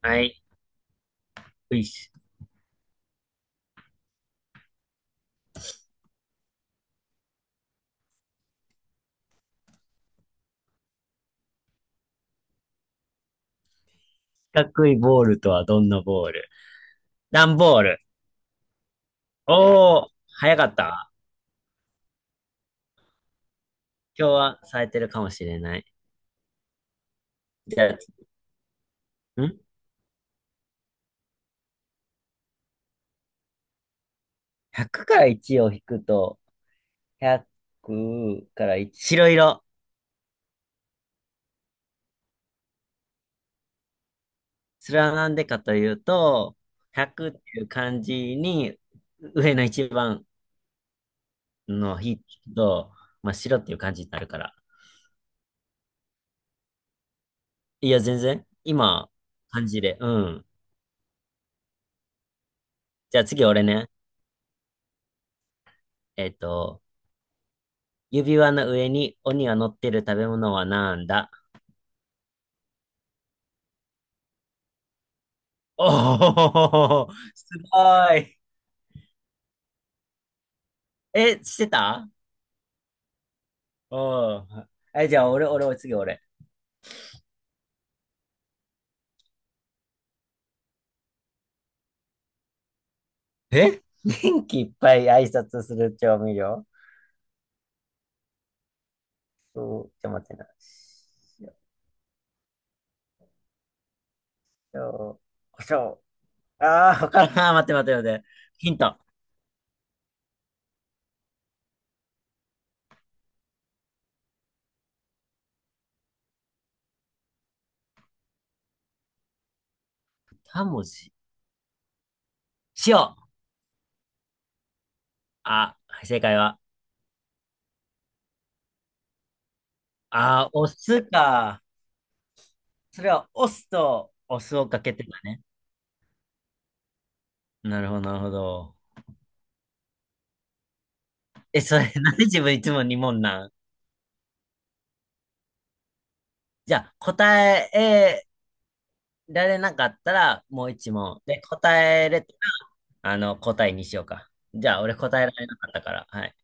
はい。四角いボールとはどんなボール？段ボール。おー、早かった。今日は冴えてるかもしれない。じゃあ、?100 から1を引くと、100から1。白色。それはなんでかというと、100っていう漢字に、上の一番の日と、まあ、白っていう漢字になるから。いや、全然。今、漢字で。うん。じゃあ次俺ね。えっと、指輪の上に鬼が乗ってる食べ物はなんだ？おお、すごい。え、してた？おおー。え、じゃあ、次、俺。元気いっぱい挨拶する調味料？待ってな。塩、胡椒。ああ、わからん。ー待って待って待って。ヒント。二文字。塩。あ、正解は。あー、お酢か。それは、お酢とお酢をかけてたね。なるほど、なるほど。え、それ、なんで自分いつも2問なん？じゃあ、答えられなかったら、もう1問。で、答えれたら、答えにしようか。じゃあ、俺答えられなかったから。はい。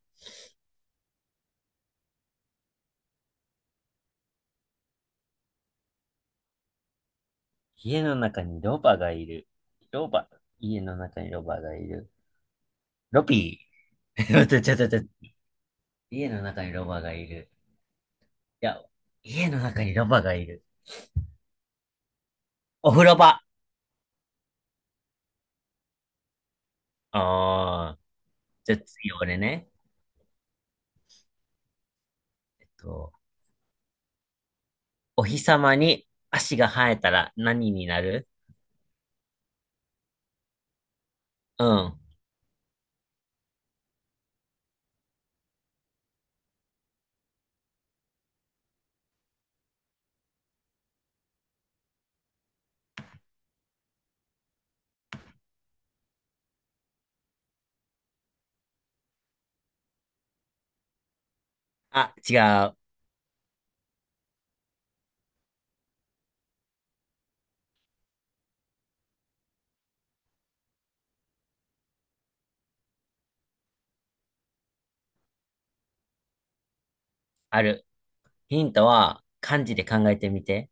家の中にロバがいる。ロバ。家の中にロバがいる。ロピー。待ってちょっと待って。家の中にロバがいる。いや、家の中にロバがいる。お風呂場。ああ。じゃあ次、俺ね。えっとお日様に足が生えたら何になる？うん。あ、違う。ある。ヒントは漢字で考えてみて。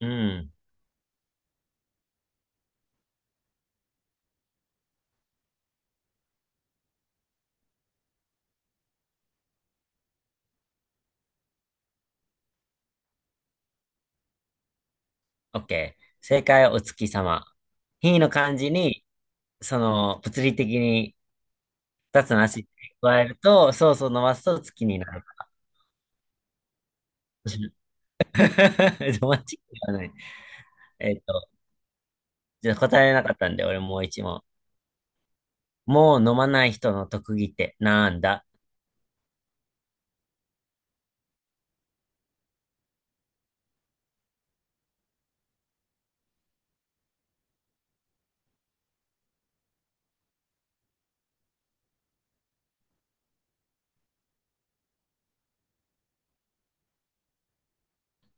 うん。オッケー。正解はお月様。ひの漢字に、物理的に二つの足加えると、そうそう伸ばすと月になる。ロマンチックではない。えっと、じゃあ答えなかったんで、俺もう一問。もう飲まない人の特技ってなんだ？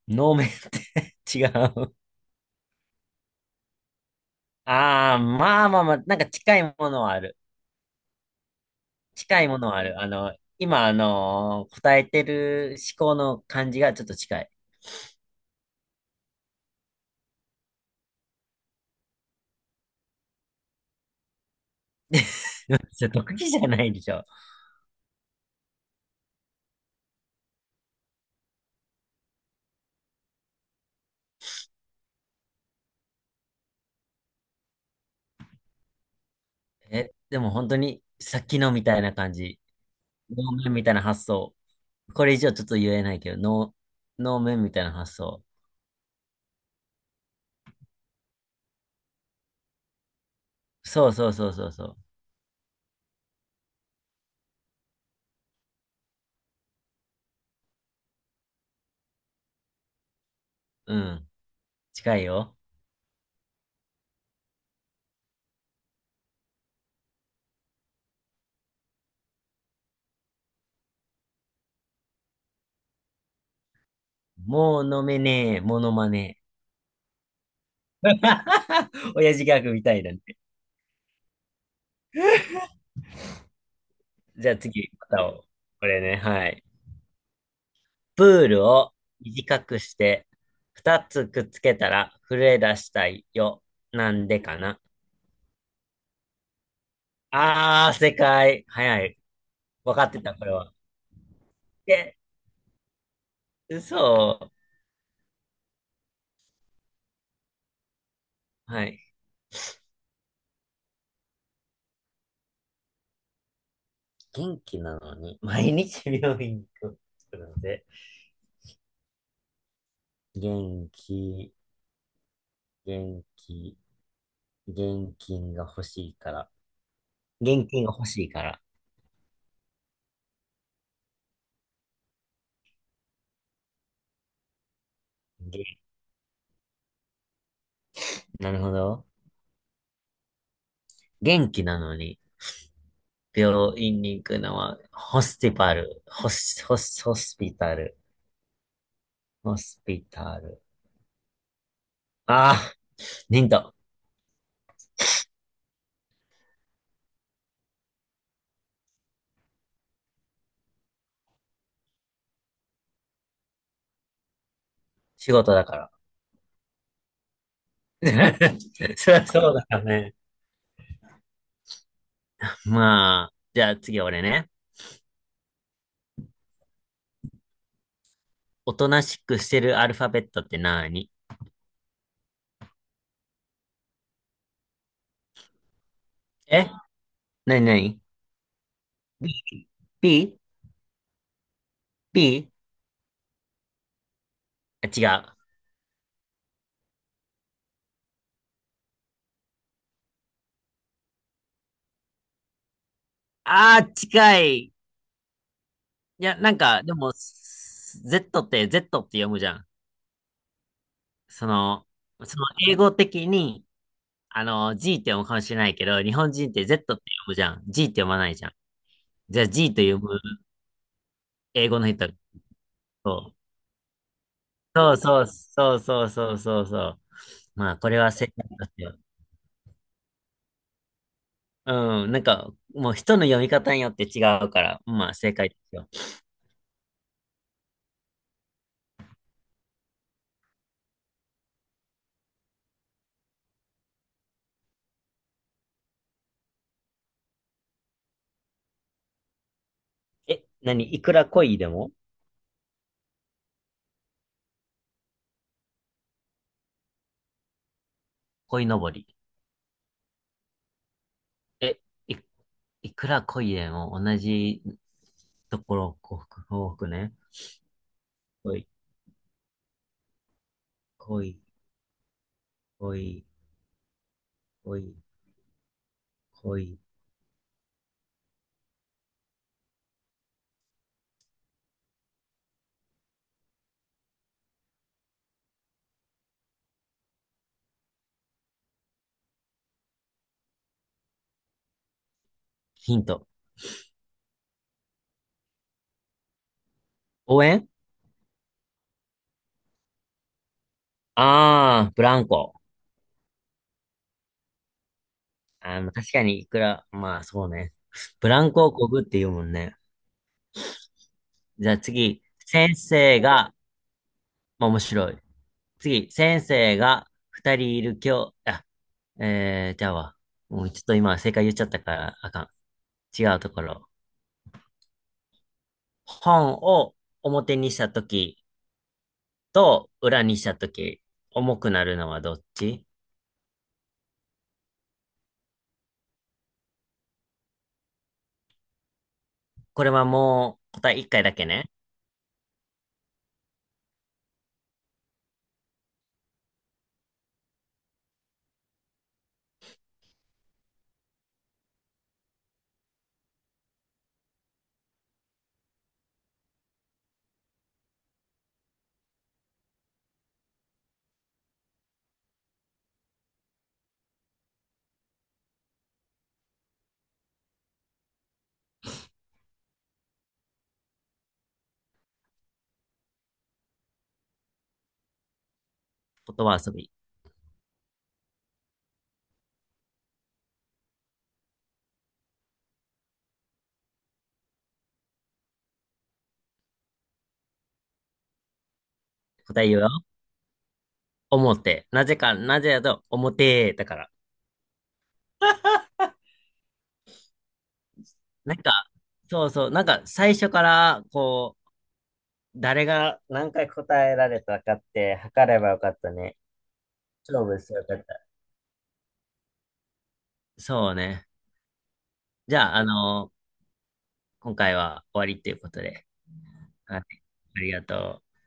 飲めって 違う。ああ、まあまあまあ、なんか近いものはある。近いものはある。今、答えてる思考の感じがちょっと近い。それ特技じゃないでしょ。え、でも本当に、さっきのみたいな感じ。能面みたいな発想。これ以上ちょっと言えないけど、能面みたいな発想。そうそうそうそうそう。うん。近いよ。もう飲めねえ、モノマネ。親父ギャグみたいなんで。じゃあ次、またを。これね、はい。プールを短くして、二つくっつけたら震え出したいよ。なんでかな。あー、正解。早い。わかってた、これは。え、嘘。はい。元気なのに、毎日病院に行くので、元気、元気、現金が欲しいから。現金が欲しいから。げなるほど。元気なのに、病院に行くのは、ホスティパル、ホス、ホス、ホスピタル。ホスピタル。ああ、ヒント。仕事だから。そりゃそうだよね。まあ、じゃあ次俺ね。おとなしくしてるアルファベットって何？えなになに ?B? B? B? あ、違う。ああ、近い。いや、なんか、でも、Z って Z って読むじゃん。その、その英語的に、G って読むかもしれないけど、日本人って Z って読むじゃん。G って読まないじゃん。じゃあ G と読む英語の人。そうそうそうそうそうそうそうそう。まあ、これは正解ですよ。うん、なんか、もう人の読み方によって違うから、まあ、正解ですよ。え、何いくら恋でも？恋のぼり。え、い、いくら恋でも同じところを幸福、幸福ね。恋、恋、恋、恋、恋。ヒント。応援？ああー、ブランコ。確かにいくら、まあ、そうね。ブランコをこぐって言うもんね。じゃあ次、先生が、まあ、面白い。次、先生が二人いる教あ、じゃあわ。もうちょっと今正解言っちゃったからあかん。違うところ。本を表にしたときと裏にしたとき、重くなるのはどっち？これはもう答え一回だけね。言葉遊び。答え言うよ。表。なぜか、なぜだと表だから。なんか、そうそう、なんか最初からこう、誰が何回答えられたかって測ればよかったね。勝負してよかった。そうね。じゃあ、今回は終わりっていうことで。はい。ありがとう。